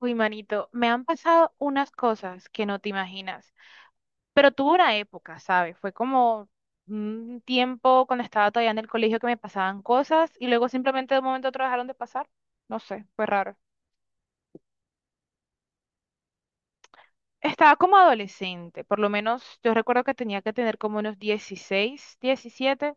Uy, manito, me han pasado unas cosas que no te imaginas, pero tuve una época, ¿sabes? Fue como un tiempo cuando estaba todavía en el colegio que me pasaban cosas y luego simplemente de un momento a otro dejaron de pasar. No sé, fue raro. Estaba como adolescente, por lo menos yo recuerdo que tenía que tener como unos 16, 17.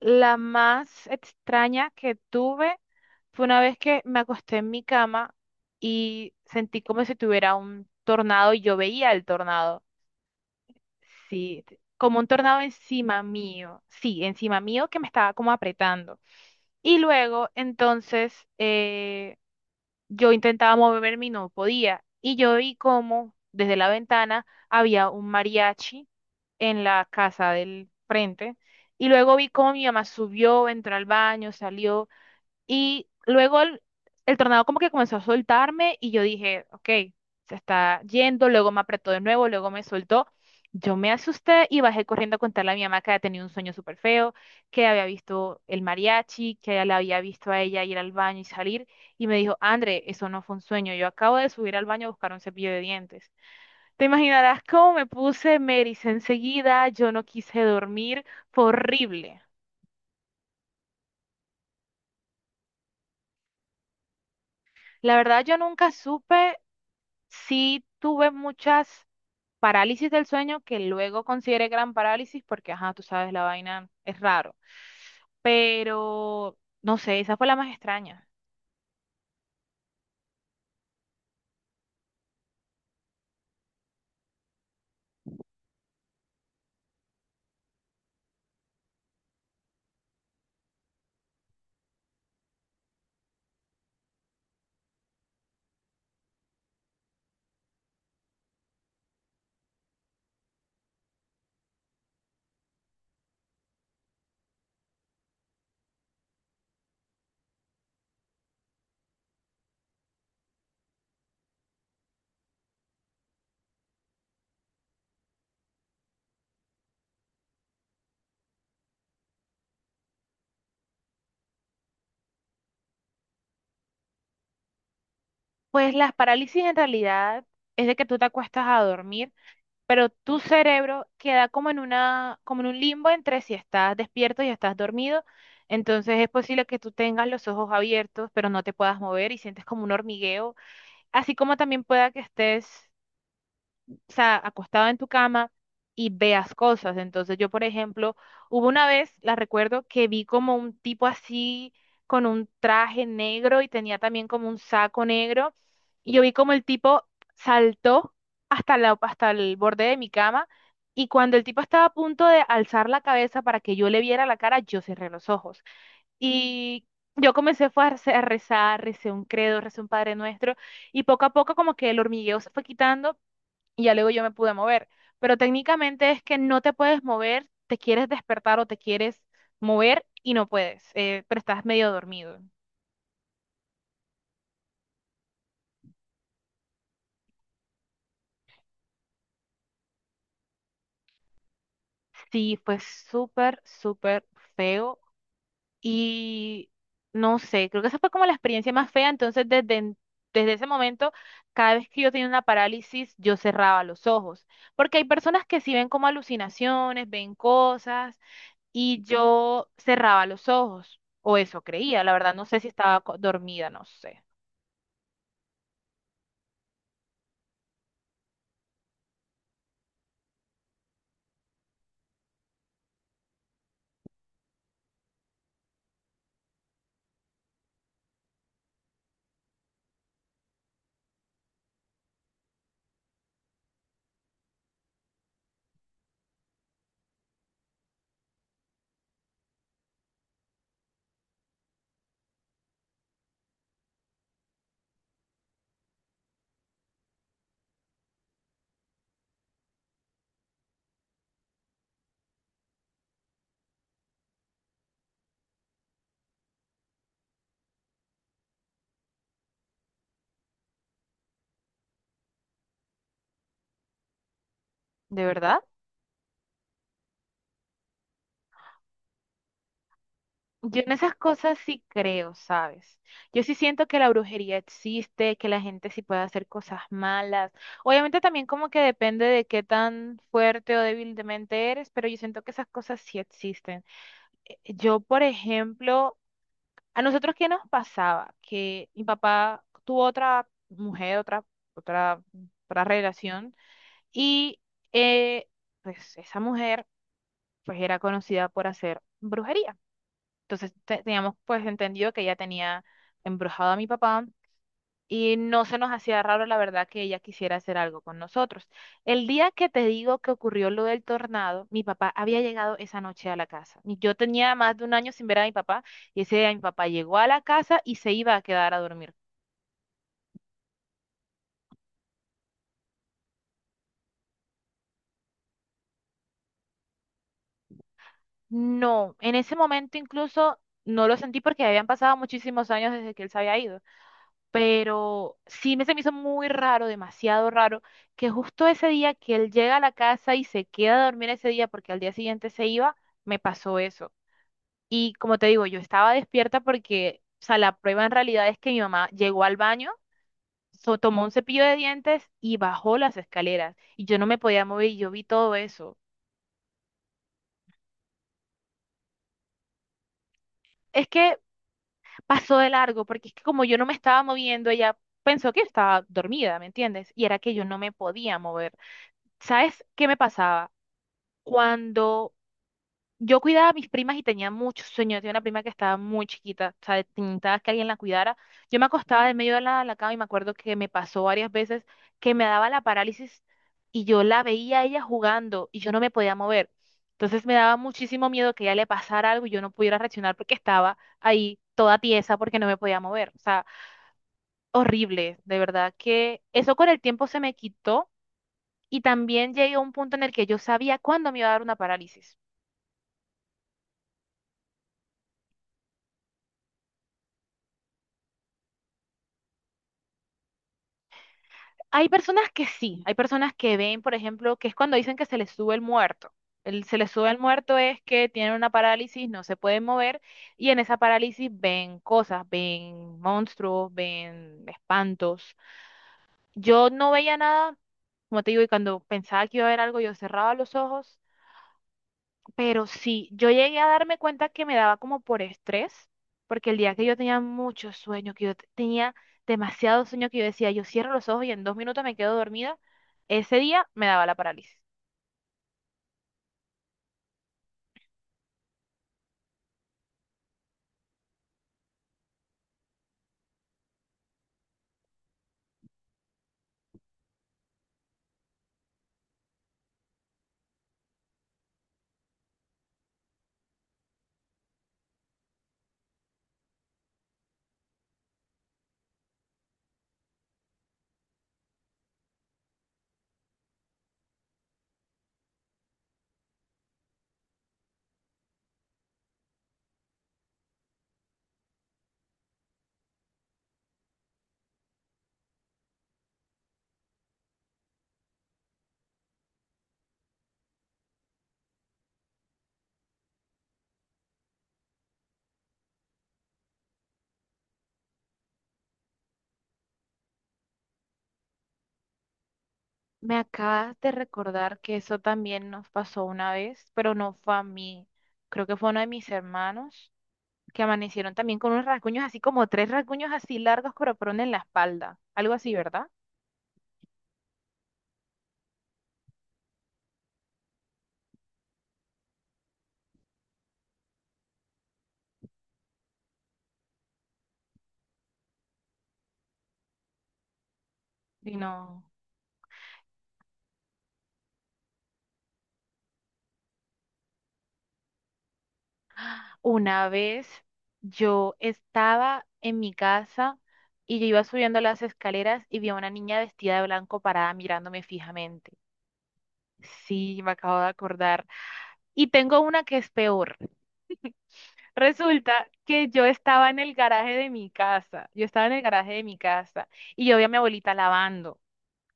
La más extraña que tuve fue una vez que me acosté en mi cama y sentí como si tuviera un tornado y yo veía el tornado. Sí, como un tornado encima mío, sí, encima mío que me estaba como apretando. Y luego, entonces, yo intentaba moverme y no podía. Y yo vi como desde la ventana había un mariachi en la casa del frente. Y luego vi cómo mi mamá subió, entró al baño, salió. Y luego el tornado como que comenzó a soltarme y yo dije, ok, se está yendo, luego me apretó de nuevo, luego me soltó. Yo me asusté y bajé corriendo a contarle a mi mamá que había tenido un sueño súper feo, que había visto el mariachi, que ella la había visto a ella ir al baño y salir. Y me dijo, André, eso no fue un sueño, yo acabo de subir al baño a buscar un cepillo de dientes. Te imaginarás cómo me puse, me ericé enseguida, yo no quise dormir, fue horrible. La verdad, yo nunca supe. Sí tuve muchas parálisis del sueño que luego consideré gran parálisis porque, ajá, tú sabes, la vaina es raro. Pero, no sé, esa fue la más extraña. Pues las parálisis en realidad es de que tú te acuestas a dormir, pero tu cerebro queda como en una, como en un limbo entre si estás despierto y estás dormido. Entonces es posible que tú tengas los ojos abiertos, pero no te puedas mover y sientes como un hormigueo, así como también pueda que estés, o sea, acostado en tu cama y veas cosas. Entonces yo, por ejemplo, hubo una vez, la recuerdo, que vi como un tipo así con un traje negro y tenía también como un saco negro. Y yo vi como el tipo saltó hasta la, hasta el borde de mi cama y cuando el tipo estaba a punto de alzar la cabeza para que yo le viera la cara, yo cerré los ojos. Y yo comencé fue a rezar, recé un credo, recé un Padre Nuestro y poco a poco como que el hormigueo se fue quitando y ya luego yo me pude mover. Pero técnicamente es que no te puedes mover, te quieres despertar o te quieres mover y no puedes, pero estás medio dormido. Sí, fue súper, súper feo y no sé, creo que esa fue como la experiencia más fea. Entonces, desde ese momento, cada vez que yo tenía una parálisis, yo cerraba los ojos. Porque hay personas que sí ven como alucinaciones, ven cosas y yo cerraba los ojos, o eso creía, la verdad no sé si estaba dormida, no sé, de verdad. Yo en esas cosas sí creo, ¿sabes? Yo sí siento que la brujería existe, que la gente sí puede hacer cosas malas. Obviamente también como que depende de qué tan fuerte o débil de mente eres, pero yo siento que esas cosas sí existen. Yo, por ejemplo, a nosotros qué nos pasaba? Que mi papá tuvo otra mujer, otra, otra relación. Y eh, pues esa mujer pues era conocida por hacer brujería. Entonces teníamos pues entendido que ella tenía embrujado a mi papá y no se nos hacía raro la verdad que ella quisiera hacer algo con nosotros. El día que te digo que ocurrió lo del tornado, mi papá había llegado esa noche a la casa. Y yo tenía más de un año sin ver a mi papá y ese día mi papá llegó a la casa y se iba a quedar a dormir. No, en ese momento incluso no lo sentí porque habían pasado muchísimos años desde que él se había ido. Pero sí me se me hizo muy raro, demasiado raro, que justo ese día que él llega a la casa y se queda a dormir ese día porque al día siguiente se iba, me pasó eso. Y como te digo, yo estaba despierta porque, o sea, la prueba en realidad es que mi mamá llegó al baño, tomó un cepillo de dientes y bajó las escaleras y yo no me podía mover y yo vi todo eso. Es que pasó de largo porque es que como yo no me estaba moviendo, ella pensó que estaba dormida, ¿me entiendes? Y era que yo no me podía mover. ¿Sabes qué me pasaba? Cuando yo cuidaba a mis primas y tenía mucho sueño, yo tenía una prima que estaba muy chiquita, o sea, necesitaba que alguien la cuidara, yo me acostaba en medio de la cama y me acuerdo que me pasó varias veces que me daba la parálisis y yo la veía a ella jugando y yo no me podía mover. Entonces me daba muchísimo miedo que a ella le pasara algo y yo no pudiera reaccionar porque estaba ahí toda tiesa porque no me podía mover. O sea, horrible, de verdad que eso con el tiempo se me quitó y también llegué a un punto en el que yo sabía cuándo me iba a dar una parálisis. Hay personas que sí, hay personas que ven, por ejemplo, que es cuando dicen que se les sube el muerto. El, se les sube el muerto es que tienen una parálisis, no se pueden mover y en esa parálisis ven cosas, ven monstruos, ven espantos. Yo no veía nada, como te digo, y cuando pensaba que iba a ver algo, yo cerraba los ojos. Pero sí, yo llegué a darme cuenta que me daba como por estrés, porque el día que yo tenía mucho sueño, que yo tenía demasiado sueño, que yo decía, yo cierro los ojos y en 2 minutos me quedo dormida, ese día me daba la parálisis. Me acabas de recordar que eso también nos pasó una vez, pero no fue a mí. Creo que fue a uno de mis hermanos que amanecieron también con unos rasguños así como tres rasguños así largos, pero fueron en la espalda. Algo así, ¿verdad? Y no. Una vez yo estaba en mi casa y yo iba subiendo las escaleras y vi a una niña vestida de blanco parada mirándome fijamente. Sí, me acabo de acordar. Y tengo una que es peor. Resulta que yo estaba en el garaje de mi casa, yo estaba en el garaje de mi casa y yo vi a mi abuelita lavando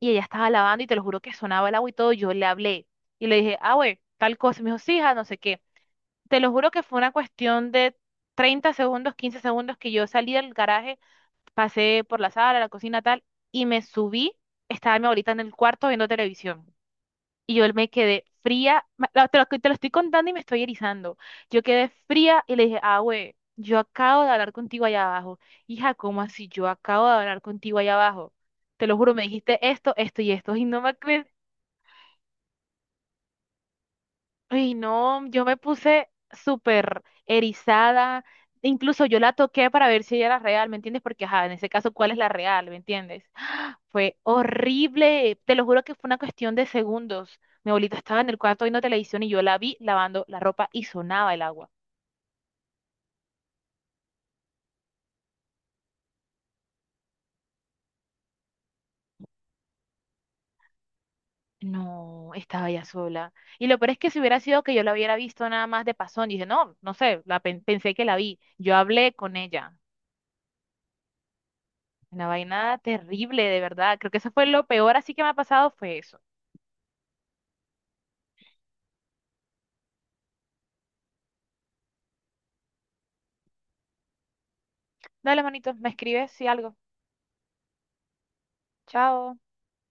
y ella estaba lavando y te lo juro que sonaba el agua y todo, yo le hablé y le dije, ah, güey, tal cosa, me dijo, sí, hija, no sé qué. Te lo juro que fue una cuestión de 30 segundos, 15 segundos que yo salí del garaje, pasé por la sala, la cocina, tal, y me subí, estaba mi abuelita en el cuarto viendo televisión. Y yo me quedé fría, te lo estoy contando y me estoy erizando. Yo quedé fría y le dije, ah, güey, yo acabo de hablar contigo allá abajo. Hija, ¿cómo así? Yo acabo de hablar contigo allá abajo. Te lo juro, me dijiste esto, esto y esto. Y no me acuerdo. Ay, no, yo me puse súper erizada. Incluso yo la toqué para ver si ella era real, ¿me entiendes? Porque, ajá, en ese caso, ¿cuál es la real? ¿Me entiendes? Fue horrible. Te lo juro que fue una cuestión de segundos. Mi abuelita estaba en el cuarto viendo televisión y yo la vi lavando la ropa y sonaba el agua. No, estaba ya sola. Y lo peor es que si hubiera sido que yo la hubiera visto nada más de pasón, dije, no, no sé, la pensé que la vi. Yo hablé con ella. Una vaina terrible, de verdad. Creo que eso fue lo peor así que me ha pasado, fue eso. Dale, manito, me escribes si algo. Chao.